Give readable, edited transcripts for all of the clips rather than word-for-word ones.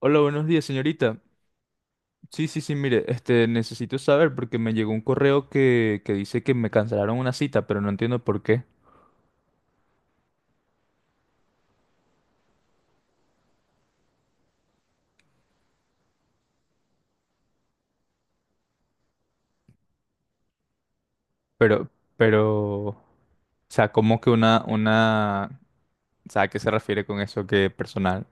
Hola, buenos días, señorita. Sí, sí, sí, mire, necesito saber porque me llegó un correo que dice que me cancelaron una cita, pero no entiendo por qué. Pero, pero, o sea, cómo que una, o sea, ¿a qué se refiere con eso que personal?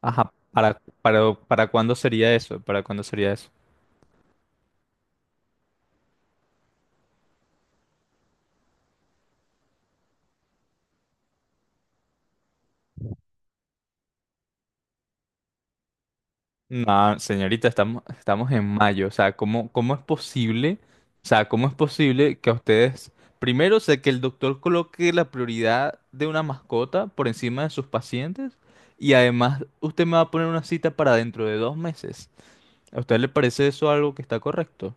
Ajá, ¿para cuándo sería eso? ¿Para cuándo sería eso? No, señorita, estamos en mayo. O sea, ¿cómo es posible? O sea, ¿cómo es posible que a ustedes, primero, sé que el doctor coloque la prioridad de una mascota por encima de sus pacientes y además usted me va a poner una cita para dentro de 2 meses? ¿A usted le parece eso algo que está correcto?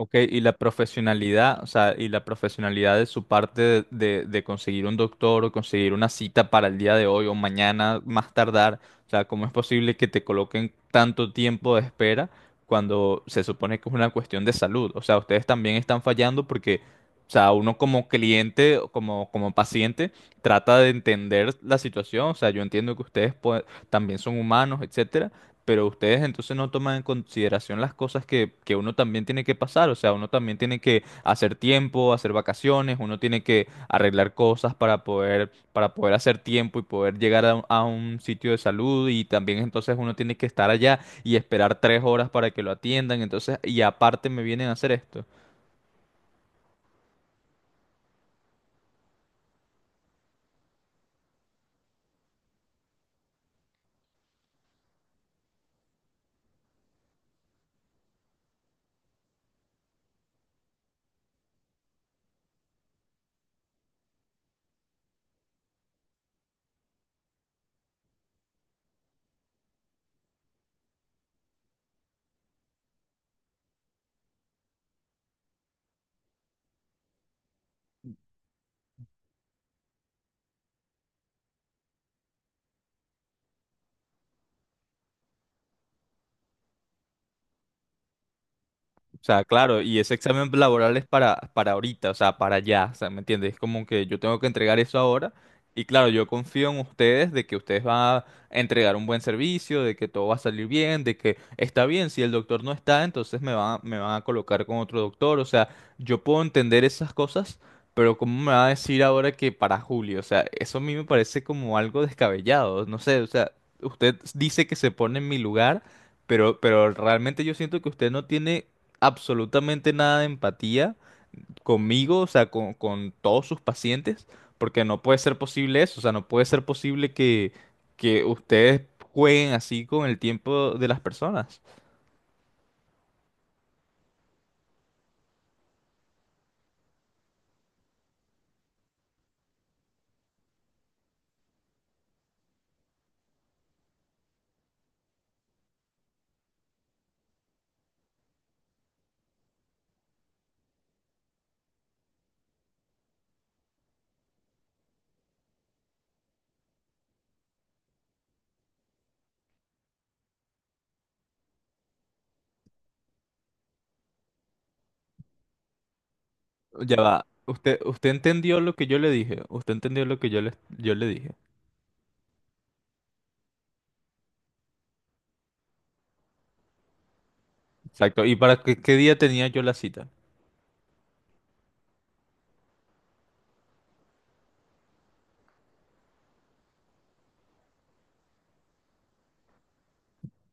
Ok, y la profesionalidad, o sea, y la profesionalidad de su parte de conseguir un doctor o conseguir una cita para el día de hoy o mañana más tardar, o sea, ¿cómo es posible que te coloquen tanto tiempo de espera cuando se supone que es una cuestión de salud? O sea, ustedes también están fallando porque, o sea, uno como cliente, o como paciente, trata de entender la situación, o sea, yo entiendo que también son humanos, etcétera, pero ustedes entonces no toman en consideración las cosas que uno también tiene que pasar, o sea, uno también tiene que hacer tiempo, hacer vacaciones, uno tiene que arreglar cosas para poder hacer tiempo y poder llegar a un sitio de salud y también entonces uno tiene que estar allá y esperar 3 horas para que lo atiendan, entonces, y aparte me vienen a hacer esto. O sea, claro, y ese examen laboral es para ahorita, o sea, para allá, o sea, ¿me entiendes? Es como que yo tengo que entregar eso ahora y claro, yo confío en ustedes de que ustedes van a entregar un buen servicio, de que todo va a salir bien, de que está bien, si el doctor no está, entonces me van a colocar con otro doctor, o sea, yo puedo entender esas cosas, pero ¿cómo me va a decir ahora que para julio? O sea, eso a mí me parece como algo descabellado, no sé, o sea, usted dice que se pone en mi lugar. Pero realmente yo siento que usted no tiene absolutamente nada de empatía conmigo, o sea, con todos sus pacientes, porque no puede ser posible eso, o sea, no puede ser posible que ustedes jueguen así con el tiempo de las personas. Ya va. Usted entendió lo que yo le dije. Usted entendió lo que yo le dije. Exacto. ¿Y para qué, qué día tenía yo la cita?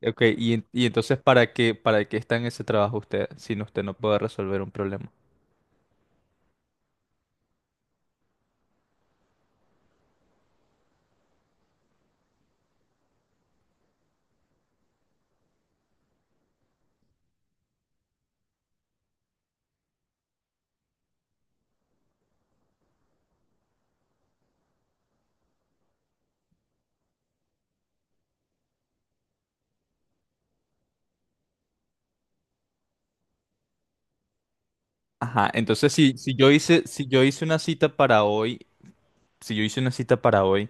Ok, y entonces ¿para qué está en ese trabajo usted si usted no puede resolver un problema? Ajá, entonces si yo hice una cita para hoy, si yo hice una cita para hoy,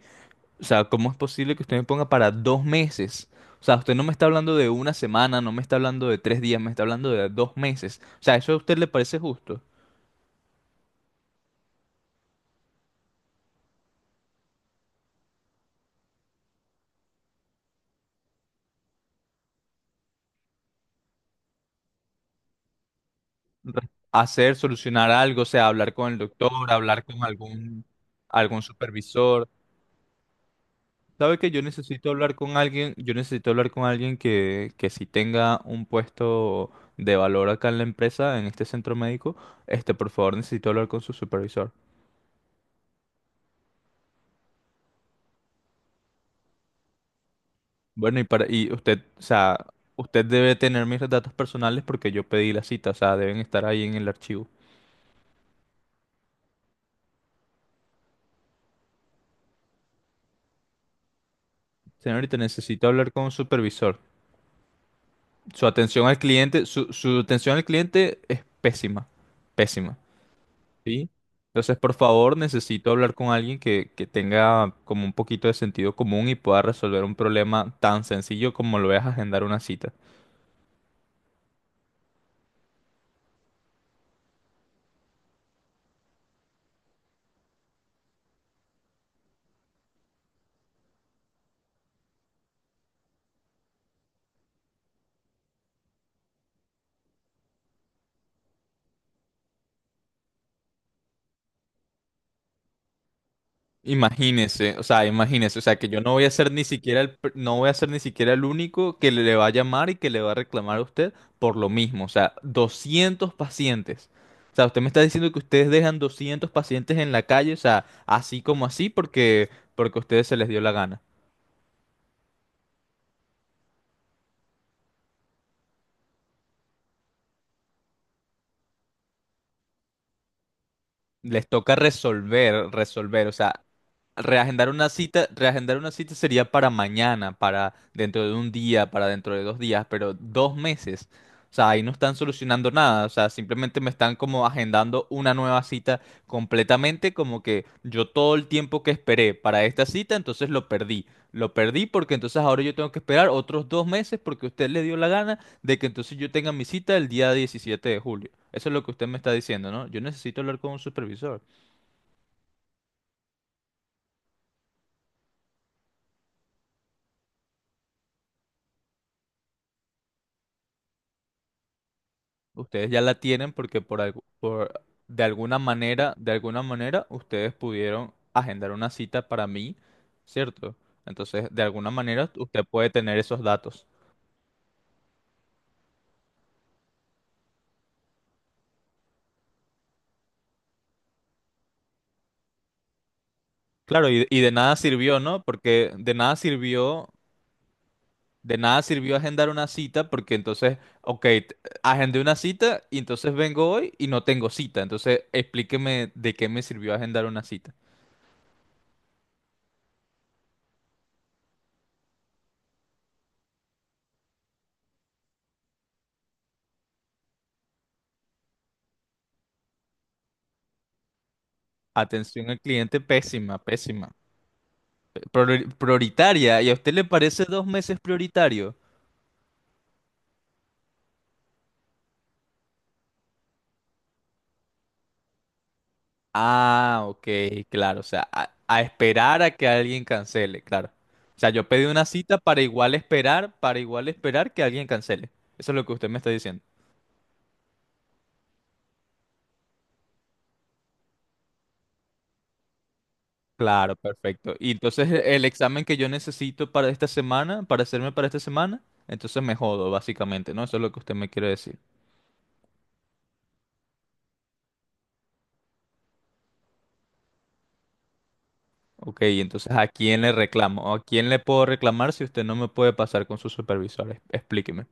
o sea, ¿cómo es posible que usted me ponga para 2 meses? O sea, usted no me está hablando de una semana, no me está hablando de 3 días, me está hablando de 2 meses. O sea, ¿eso a usted le parece justo? Hacer, solucionar algo, o sea, hablar con el doctor, hablar con algún, algún supervisor. ¿Sabe que yo necesito hablar con alguien? Yo necesito hablar con alguien que sí tenga un puesto de valor acá en la empresa, en este centro médico. Por favor, necesito hablar con su supervisor. Bueno, y usted debe tener mis datos personales porque yo pedí la cita, o sea, deben estar ahí en el archivo. Señorita, necesito hablar con un supervisor. Su atención al cliente, su atención al cliente es pésima, pésima, ¿sí? Entonces, por favor, necesito hablar con alguien que tenga como un poquito de sentido común y pueda resolver un problema tan sencillo como lo es agendar una cita. Imagínese, o sea, que yo no voy a ser ni siquiera no voy a ser ni siquiera el único que le va a llamar y que le va a reclamar a usted por lo mismo, o sea, 200 pacientes. O sea, usted me está diciendo que ustedes dejan 200 pacientes en la calle, o sea, así como así porque a ustedes se les dio la gana. Les toca resolver, resolver, o sea, reagendar una cita sería para mañana, para dentro de un día, para dentro de 2 días, pero dos meses. O sea, ahí no están solucionando nada, o sea, simplemente me están como agendando una nueva cita completamente, como que yo todo el tiempo que esperé para esta cita, entonces lo perdí. Lo perdí porque entonces ahora yo tengo que esperar otros 2 meses porque usted le dio la gana de que entonces yo tenga mi cita el día 17 de julio. Eso es lo que usted me está diciendo, ¿no? Yo necesito hablar con un supervisor. Ustedes ya la tienen porque por algo, de alguna manera, ustedes pudieron agendar una cita para mí, ¿cierto? Entonces, de alguna manera, usted puede tener esos datos. Claro, y de nada sirvió, ¿no? Porque de nada sirvió. De nada sirvió agendar una cita porque entonces, ok, agendé una cita y entonces vengo hoy y no tengo cita. Entonces, explíqueme de qué me sirvió agendar una cita. Atención al cliente, pésima, pésima. Prioritaria, ¿y a usted le parece 2 meses prioritario? Ah, ok, claro, o sea, a esperar a que alguien cancele, claro. O sea, yo pedí una cita para igual esperar que alguien cancele. Eso es lo que usted me está diciendo. Claro, perfecto. Y entonces el examen que yo necesito para esta semana, para hacerme para esta semana, entonces me jodo, básicamente, ¿no? Eso es lo que usted me quiere decir. Ok, entonces ¿a quién le reclamo? ¿O ¿a quién le puedo reclamar si usted no me puede pasar con su supervisor? Explíqueme.